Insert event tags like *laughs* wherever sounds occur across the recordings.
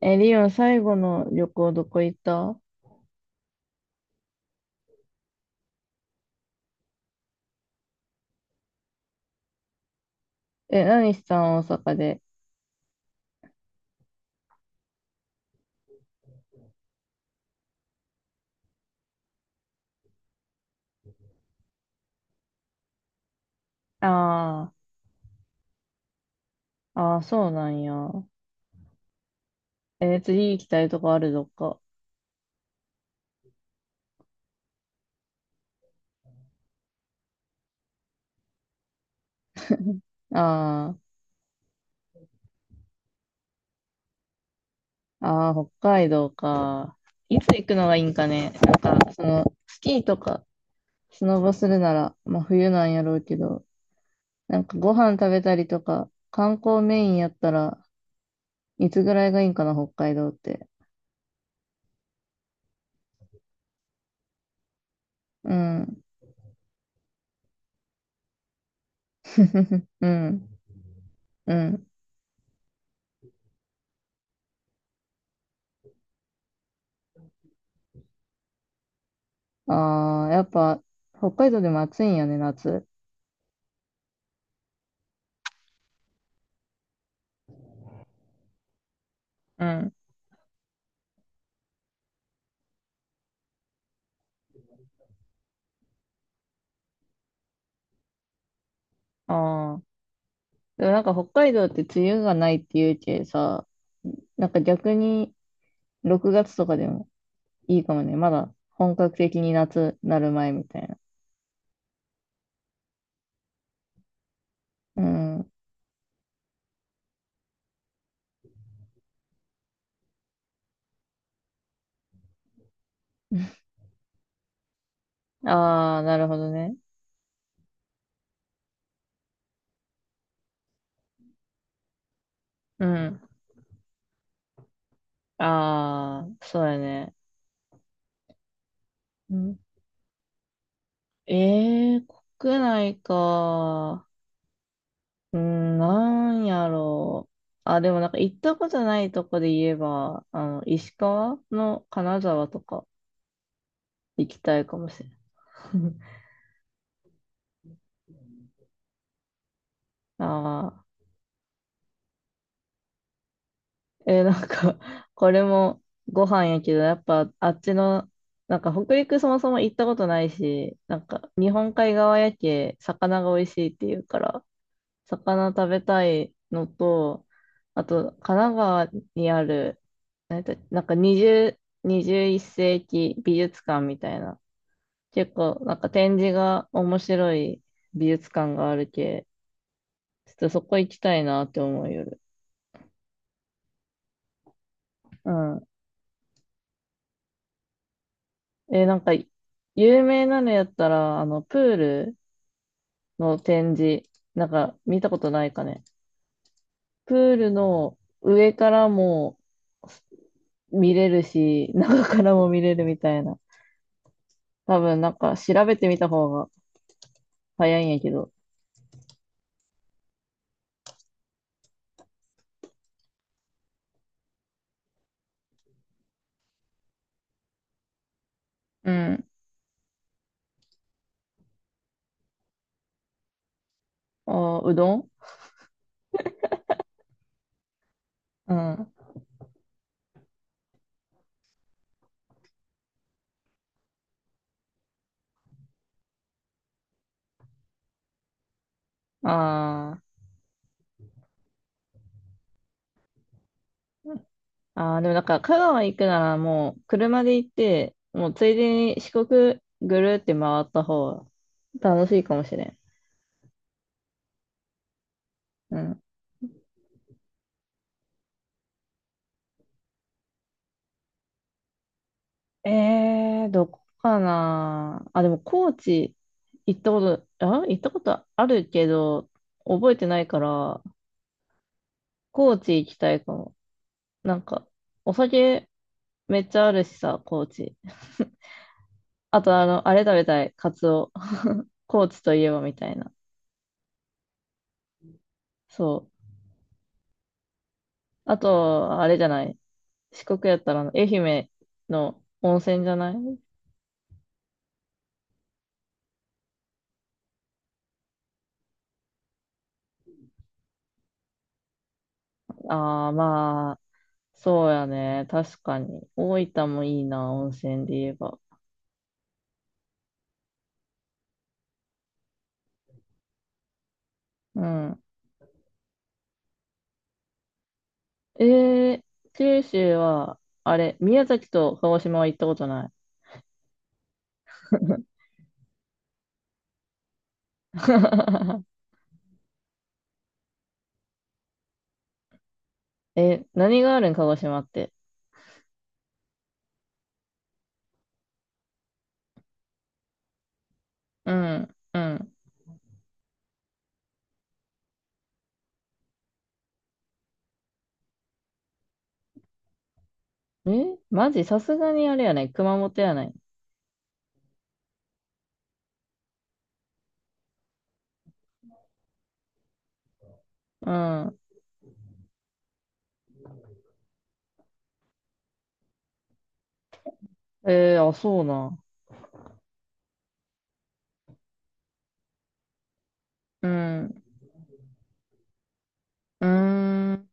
え、リオン、最後の旅行どこ行った？え、何したん大阪で？ああ、ああ、そうなんや。え、次行きたいとこあるどっか？ああ、ああ、北海道か。いつ行くのがいいんかね。なんか、スキーとか、スノボするなら、まあ冬なんやろうけど、なんかご飯食べたりとか、観光メインやったら、いつぐらいがいいんかな、北海道って。うん。*laughs* うん。うん。ああ、やっぱ、北海道でも暑いんやね、夏。うん。ああ。でもなんか北海道って梅雨がないっていうけさ、なんか逆に6月とかでもいいかもね。まだ本格的に夏なる前みたいな。うん。ああ、なるほどね。うん。ああ、そうやね。うん、ええー、国内か。うん、なんやろう。あ、でもなんか行ったことないとこで言えば、石川の金沢とか行きたいかもしれない。*laughs* あなんか、これもご飯やけど、やっぱあっちの、なんか北陸そもそも行ったことないし、なんか日本海側やけ、魚が美味しいっていうから、魚食べたいのと、あと、神奈川にある、なんか20、1世紀美術館みたいな、結構なんか展示が面白い美術館があるけ、ちょっとそこ行きたいなって思う夜。うん。え、なんか、有名なのやったら、あの、プールの展示、なんか見たことないかね。プールの上からも見れるし、中からも見れるみたいな。多分、なんか調べてみた方が早いんやけど。うん。あ、うどん。うん。あー、あー、でもなんか香川行くならもう車で行って、もうついでに四国ぐるって回った方が楽しいかもしれん。うん。えー、どこかなあ、でも高知行ったこと、あ、行ったことあるけど、覚えてないから、高知行きたいかも。なんか、お酒めっちゃあるしさ、高知。あと、あの、あれ食べたい、カツオ。高知といえばみたいな。そう。あと、あれじゃない。四国やったらあの、愛媛の温泉じゃない？ああー、まあ、そうやね。確かに。大分もいいな、温泉で言えば。うん。えー、九州は、あれ、宮崎と鹿児島は行ったことない。*laughs* え、何があるん、鹿児島って？うん、うん。え、マジ？さすがにあれやね、熊本やね。うん。えー、あ、そうな。うん。うーん。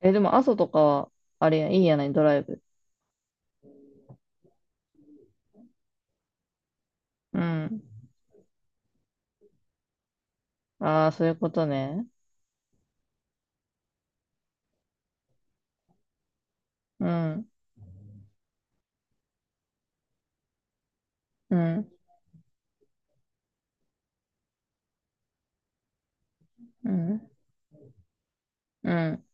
え、でも、阿蘇とかは、あれや、いいやないドライブ。うん。ああ、そういうことね。うん、うん、うん、うん、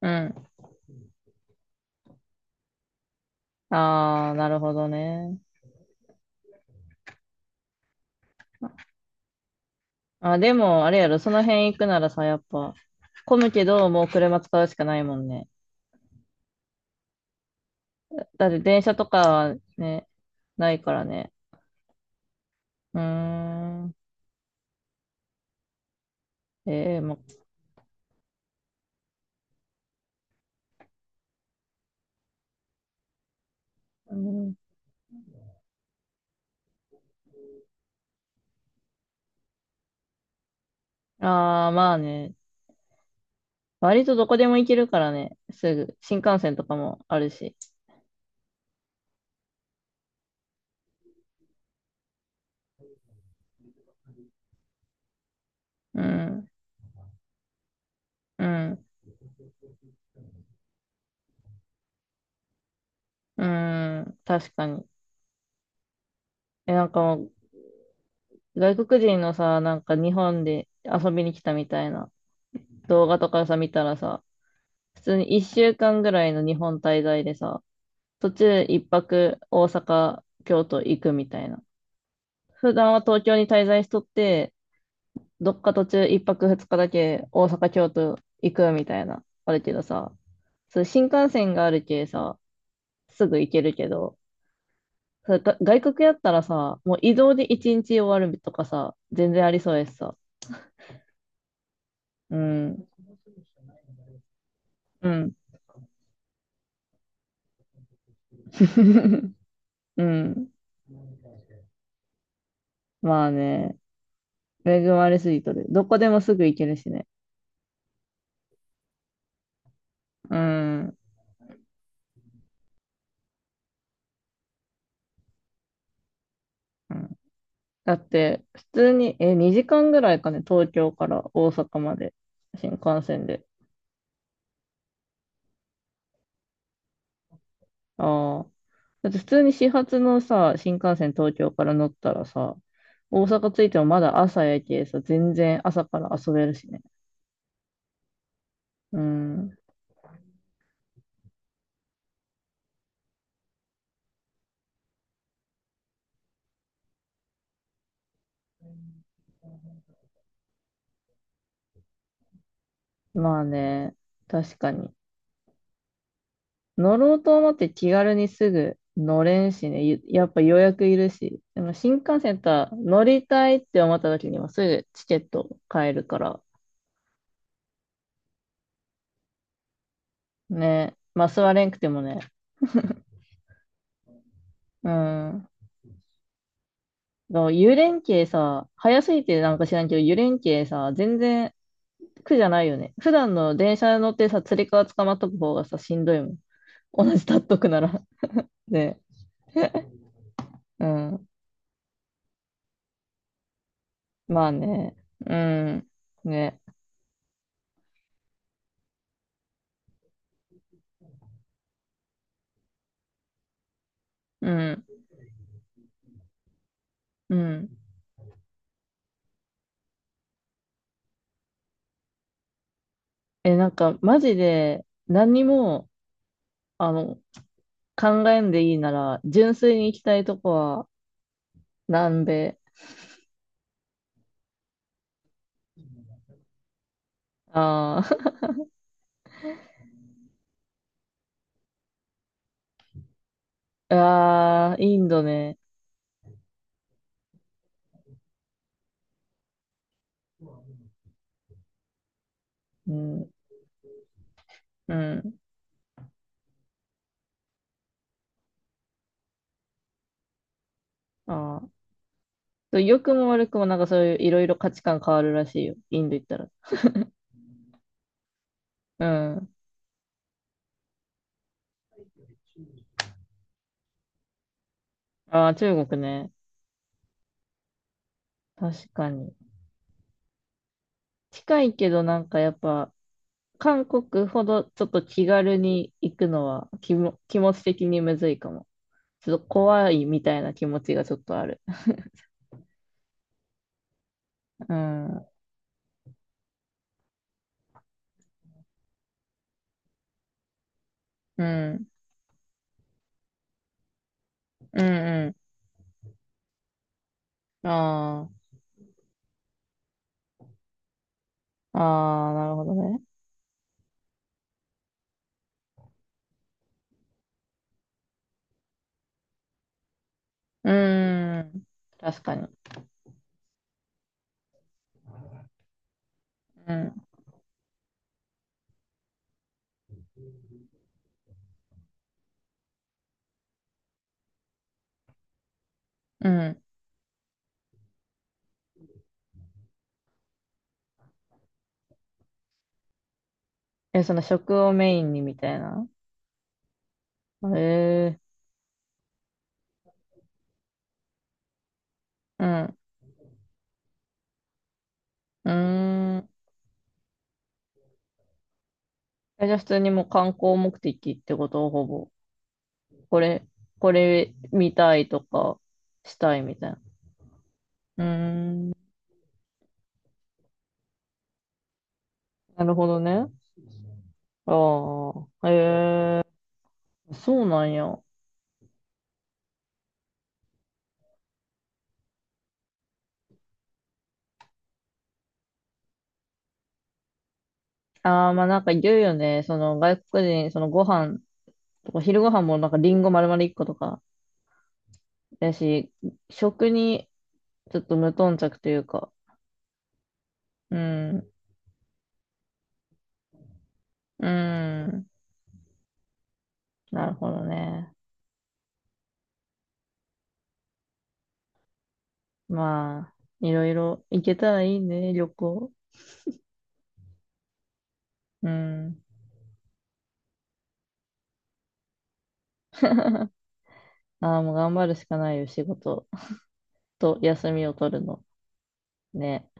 うん。ああ、なるほどね。あ、でも、あれやろ、その辺行くならさ、やっぱ、混むけど、もう車使うしかないもんね。だって電車とかはね、ないからね。うーん。ええま、うん。ああー、まあね。割とどこでも行けるからね、すぐ。新幹線とかもあるし。うん、うん、うん、確かに。え、なんかもう、外国人のさ、なんか日本で遊びに来たみたいな動画とかさ、見たらさ、普通に一週間ぐらいの日本滞在でさ、途中一泊大阪、京都行くみたいな。普段は東京に滞在しとって、どっか途中一泊二日だけ大阪、京都行くみたいな、あるけどさ、そう新幹線があるけさ、すぐ行けるけど、それが外国やったらさ、もう移動で一日終わるとかさ、全然ありそうやしさ。うん、うん、*laughs* うん。まあね、恵まれすぎとる。どこでもすぐ行けるしね。うん。うん。だって、普通に、え、2時間ぐらいかね、東京から大阪まで、新幹線で。ああ。だって普通に始発のさ、新幹線東京から乗ったらさ、大阪着いてもまだ朝やけさ、全然朝から遊べるしね。うん。まあね、確かに。乗ろうと思って気軽にすぐ乗れんしね、ゆやっぱ予約いるし、でも新幹線とは乗りたいって思った時にはすぐチケット買えるから、ね、まあ座れんくてもね、うん。だから湯連携さ、早すぎてなんか知らんけど、湯連携さ、全然苦じゃないよね。普段の電車乗ってさ、つり革捕まっとく方がさ、しんどいもん。同じ立っとくなら。*laughs* ね。うん。まあね。うん。ね。うん。うん。え、なんか、マジで、何にも、あの、考えんでいいなら、純粋に行きたいとこは、南米。あー。 *laughs* あー、インドね。うん。うん。あー、そう良くも悪くもなんかそういういろいろ価値観変わるらしいよ。インド行ったら。うん。ああ、中国ね。確かに。近いけどなんかやっぱ、韓国ほどちょっと気軽に行くのは気も、気持ち的にむずいかも。ちょっと怖いみたいな気持ちがちょっとある。うん。うん。うん。うん。ああ。ああ、なるほどね。うん。確かに。うん。うん。え、その食をメインにみたいな？へえ。うん。うーん。え、じゃあ普通にもう観光目的ってことほぼ。これ、これ見たいとか、したいみたいな。うーん、なるほどね。ああ、えー、そうなんや。ああ、まあなんか言うよね。その外国人、そのご飯とか、昼ご飯もなんかリンゴ丸々一個とか、やし、食にちょっと無頓着というか。うん、うん、なるほどね。まあ、いろいろ行けたらいいね、旅行。うん。ああ、もう頑張るしかないよ、仕事と休みを取るの。ね。